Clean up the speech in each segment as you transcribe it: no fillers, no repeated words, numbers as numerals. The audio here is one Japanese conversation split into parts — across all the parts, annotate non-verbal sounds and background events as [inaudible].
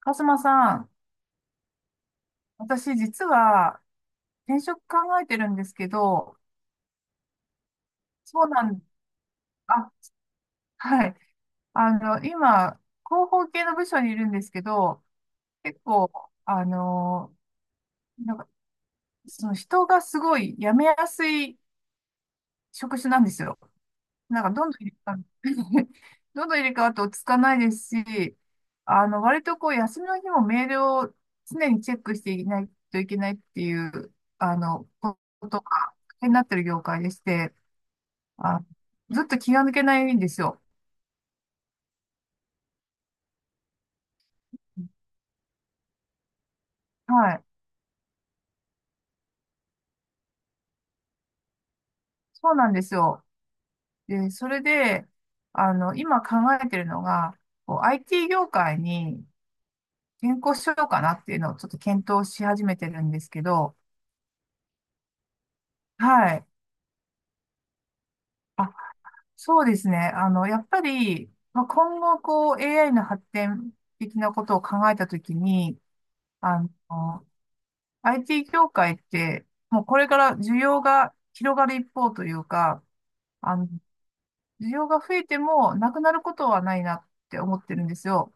カズマさん、私実は転職考えてるんですけど、そうなん、あ、はい。今、広報系の部署にいるんですけど、結構、あの、なんか、その人がすごい辞めやすい職種なんですよ。なんか、どんどん入れ替わる [laughs] どんどん入れ替わって落ち着かないですし、割とこう、休みの日もメールを常にチェックしていないといけないっていう、ことが、大変になってる業界でして、あ、ずっと気が抜けないんですよ。はい。そうなんですよ。で、それで、今考えてるのが、こう IT 業界に転向しようかなっていうのをちょっと検討し始めてるんですけど、はい。あ、そうですね。やっぱり、まあ、今後、こう、AI の発展的なことを考えたときに、あの、IT 業界って、もうこれから需要が広がる一方というか、あの、需要が増えてもなくなることはないなって思ってるんですよ。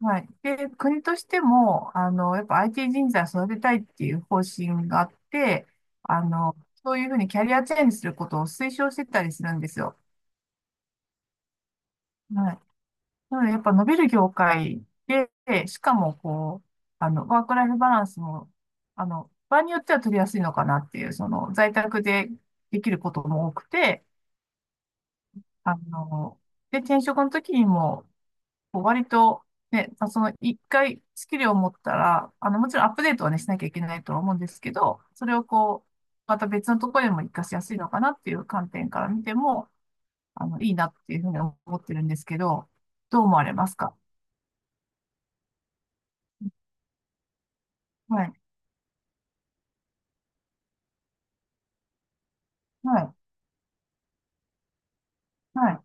はい。で、国としても、やっぱ IT 人材を育てたいっていう方針があって、あの、そういうふうにキャリアチェンジすることを推奨してたりするんですよ。はい。なので、やっぱ伸びる業界で、しかも、こう、ワークライフバランスも、場合によっては取りやすいのかなっていう、その、在宅でできることも多くて、あの、で、転職の時にも、こう割と、ね、まあその一回スキルを持ったら、もちろんアップデートはね、しなきゃいけないとは思うんですけど、それをこう、また別のところでも活かしやすいのかなっていう観点から見ても、いいなっていうふうに思ってるんですけど、どう思われますか？はい、はい、はい、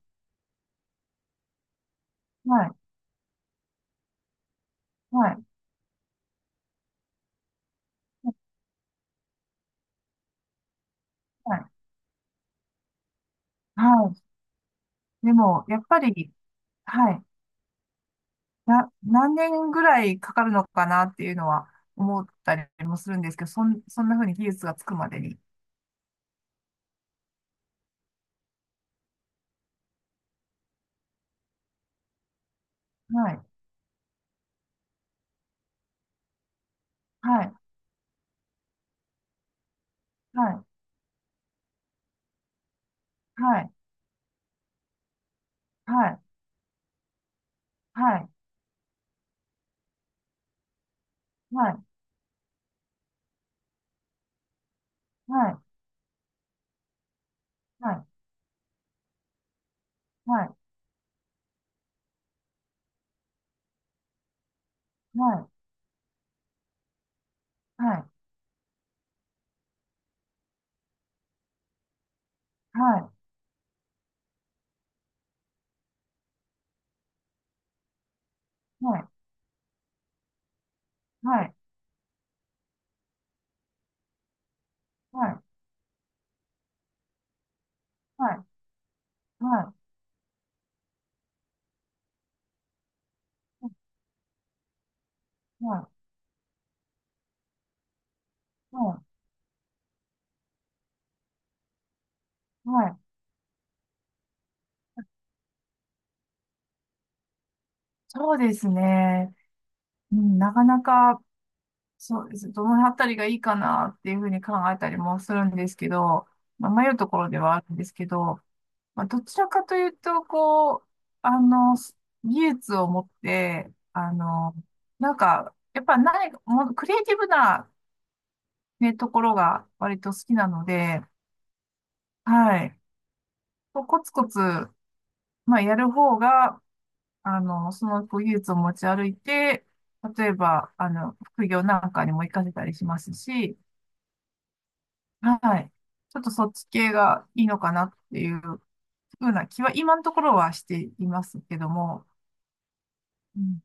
はい、はい、はい。はい。でも、やっぱり、はい、何年ぐらいかかるのかなっていうのは思ったりもするんですけど、そんなふうに技術がつくまでに。はい、はい、はい。はい、はい、はい、はい、はい、はい、はい、はい、はい、はい、はい、はい、はい、はい、はい、はい、はい、そうですね。うん、なかなか、そうです。どのあたりがいいかなっていうふうに考えたりもするんですけど、まあ、迷うところではあるんですけど、まあ、どちらかというと、こう、あの、技術を持って、なんか、やっぱ何か、もうクリエイティブないうところが割と好きなので、はい。コツコツ、まあ、やる方が、その技術を持ち歩いて、例えば、副業なんかにも活かせたりしますし、はい。ちょっとそっち系がいいのかなっていうふうな気は今のところはしていますけども、うん。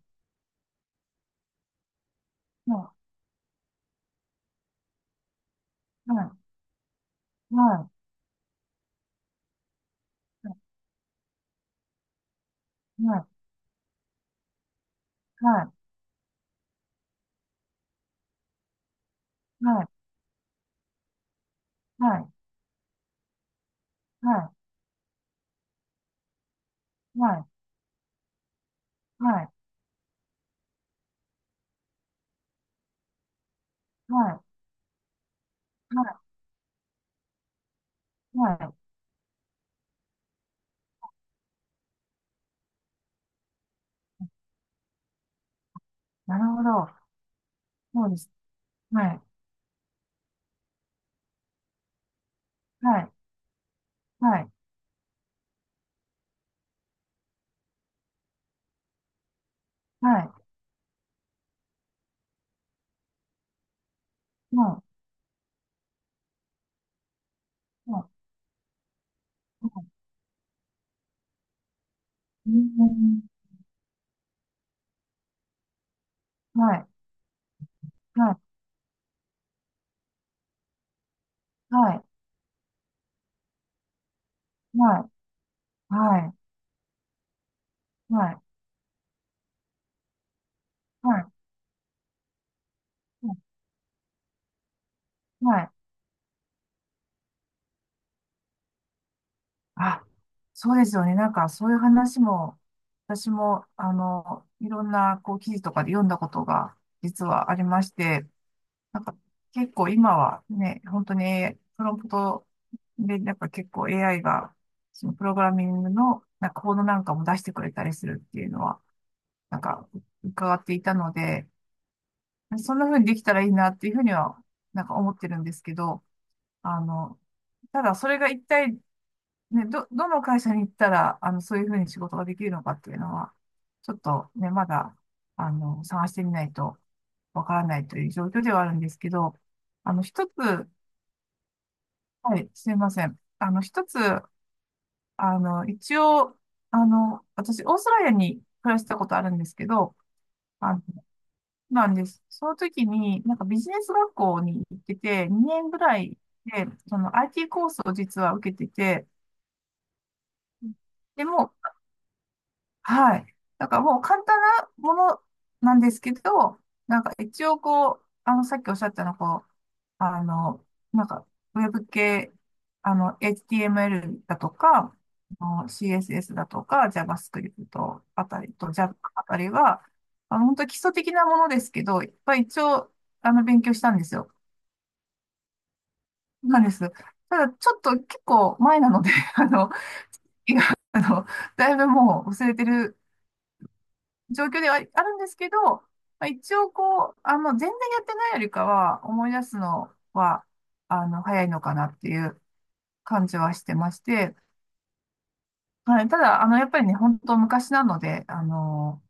はい。はい。はい。はい。はい。はい。はい。はい。はい。はい。はい。はい。はい。なるほど。そうです。はい。はい。はい、はい、はい、はい、はい、うん、はい、はい、はい、はい、はい、はい、はい、はい、あ、そうですよね。なんか、そういう話も、私も、いろんな、こう、記事とかで読んだことが、実はありまして、なんか、結構今はね、本当に、プロンプトで、なんか結構 AI が、そのプログラミングの、なんか、コードなんかも出してくれたりするっていうのは、なんか、伺っていたので、そんな風にできたらいいなっていうふうには、なんか思ってるんですけど、あの、ただそれが一体、ね、どの会社に行ったら、そういうふうに仕事ができるのかっていうのは、ちょっとね、まだ、探してみないとわからないという状況ではあるんですけど、一つ、はい、すいません。一つ、一応、私、オーストラリアに暮らしたことあるんですけど、あのなんです。その時に、なんかビジネス学校に行ってて、2年ぐらいで、その IT コースを実は受けてて、でも、はい。だからもう簡単なものなんですけど、なんか一応こう、さっきおっしゃったの、こう、あの、なんか、ウェブ系、HTML だとか、CSS だとか、JavaScript あたりと Java あたりは、本当基礎的なものですけど、いっぱい一応、勉強したんですよ。なんです。ただ、ちょっと結構前なので、[laughs] いやあの、だいぶもう忘れてる状況ではあるんですけど、まあ、一応こう、全然やってないよりかは、思い出すのは、早いのかなっていう感じはしてまして、はい、ただ、やっぱりね、本当昔なので、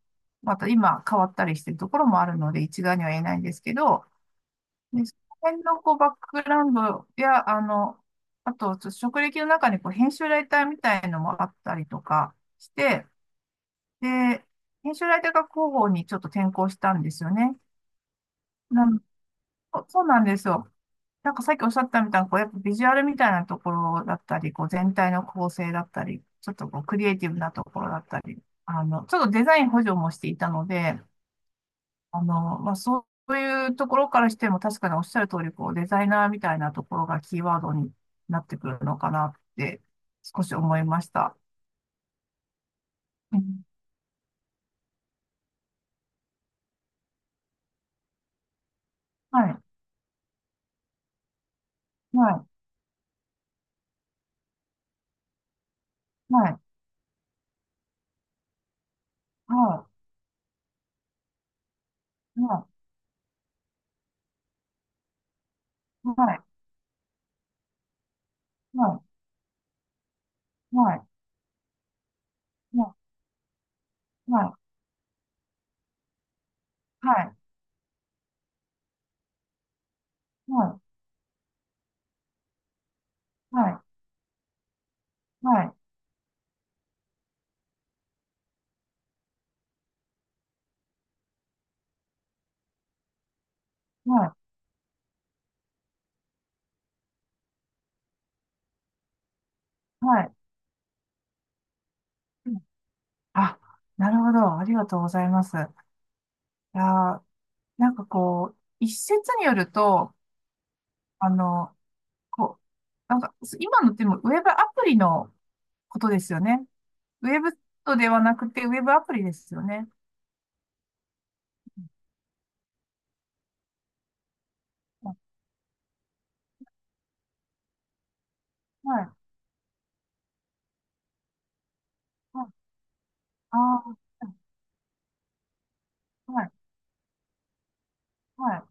また今変わったりしてるところもあるので、一概には言えないんですけど、で、その辺のこう、バックグラウンドや、あと、ちょっと職歴の中にこう、編集ライターみたいのもあったりとかして、で、編集ライターが広報にちょっと転向したんですよね。なん、そうなんですよ。なんかさっきおっしゃったみたいなこうやっぱビジュアルみたいなところだったり、こう全体の構成だったり、ちょっとこうクリエイティブなところだったり、ちょっとデザイン補助もしていたので、まあそういうところからしても確かにおっしゃる通りこうデザイナーみたいなところがキーワードになってくるのかなって少し思いました。はい、はい、はい、はい、はい、はい、はい、はい、はい、はい、はい、はい、はい。はい。うん。あ、なるほど。ありがとうございます。いやー、なんかこう、一説によると、あの、こう、なんか、今のってもウェブアプリのことですよね。ウェブとではなくて、ウェブアプリですよね。はい。はい。ああ、はい。はい。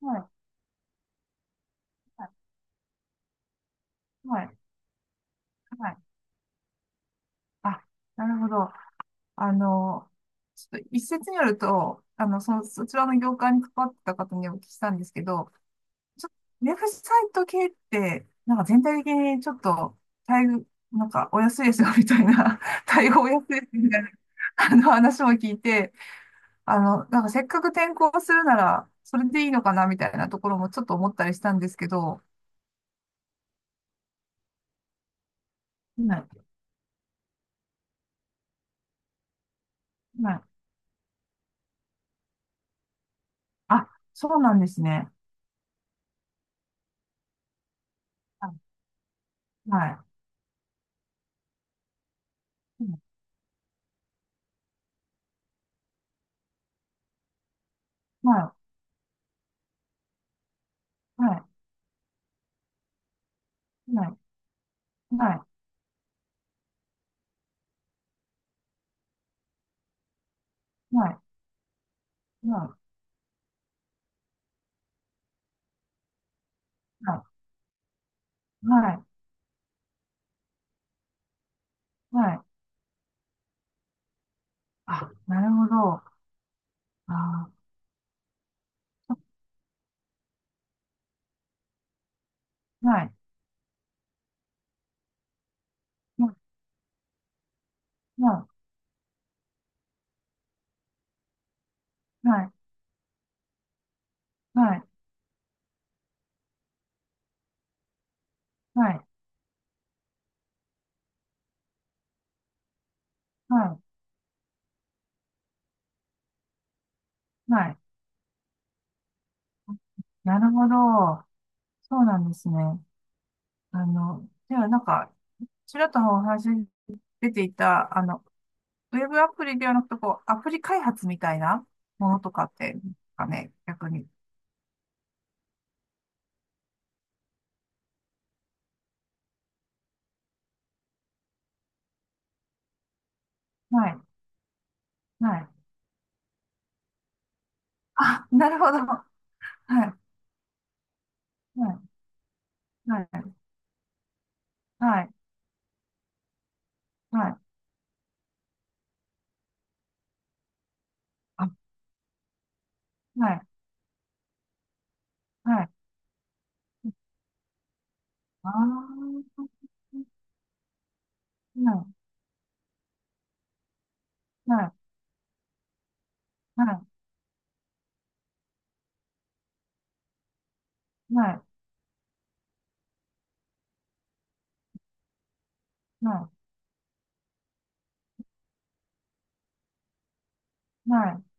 はい。はい。はい。あ、なるほど。あの、ちょっと一説によると、その、そちらの業界に関わってた方にお聞きしたんですけど、ちょウェブサイト系って、なんか全体的にちょっと、待遇なんかお安いですよみたいな、[laughs] 対応お安いですみたいな、あの話も聞いて、なんかせっかく転校するなら、それでいいのかなみたいなところもちょっと思ったりしたんですけど、はい、はい。あ、そうなんですね。はい、はい、はい、はい、はい、はい、はい、はい、はい、はい。あ、なるほど。あ、はい、はい、はい、はい。はい、はい、はい。なるほど。そうなんですね。ではなんか、ちらっとお話に出ていた、ウェブアプリではなくて、こう、アプリ開発みたいなものとかって、かね、逆に。はい、はい。あ、なるほど。はい、はい、はい、はい、はい。あ、はい、はい。ああ、はい、はい、はい、はい、はい、はい、はい、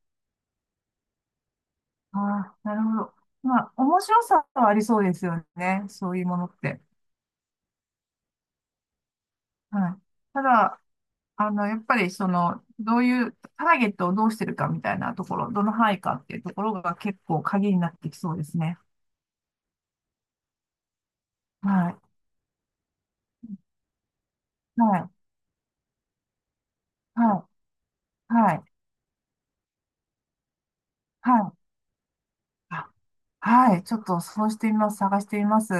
ああ、なるほど。まあ、面白さはありそうですよね。そういうものって。はい。ただ、やっぱりその、どういう、ターゲットをどうしてるかみたいなところ、どの範囲かっていうところが結構鍵になってきそうですね。はい。はい。はい。はい。はい。あ、はい。ちょっとそうしてみます。探してみます。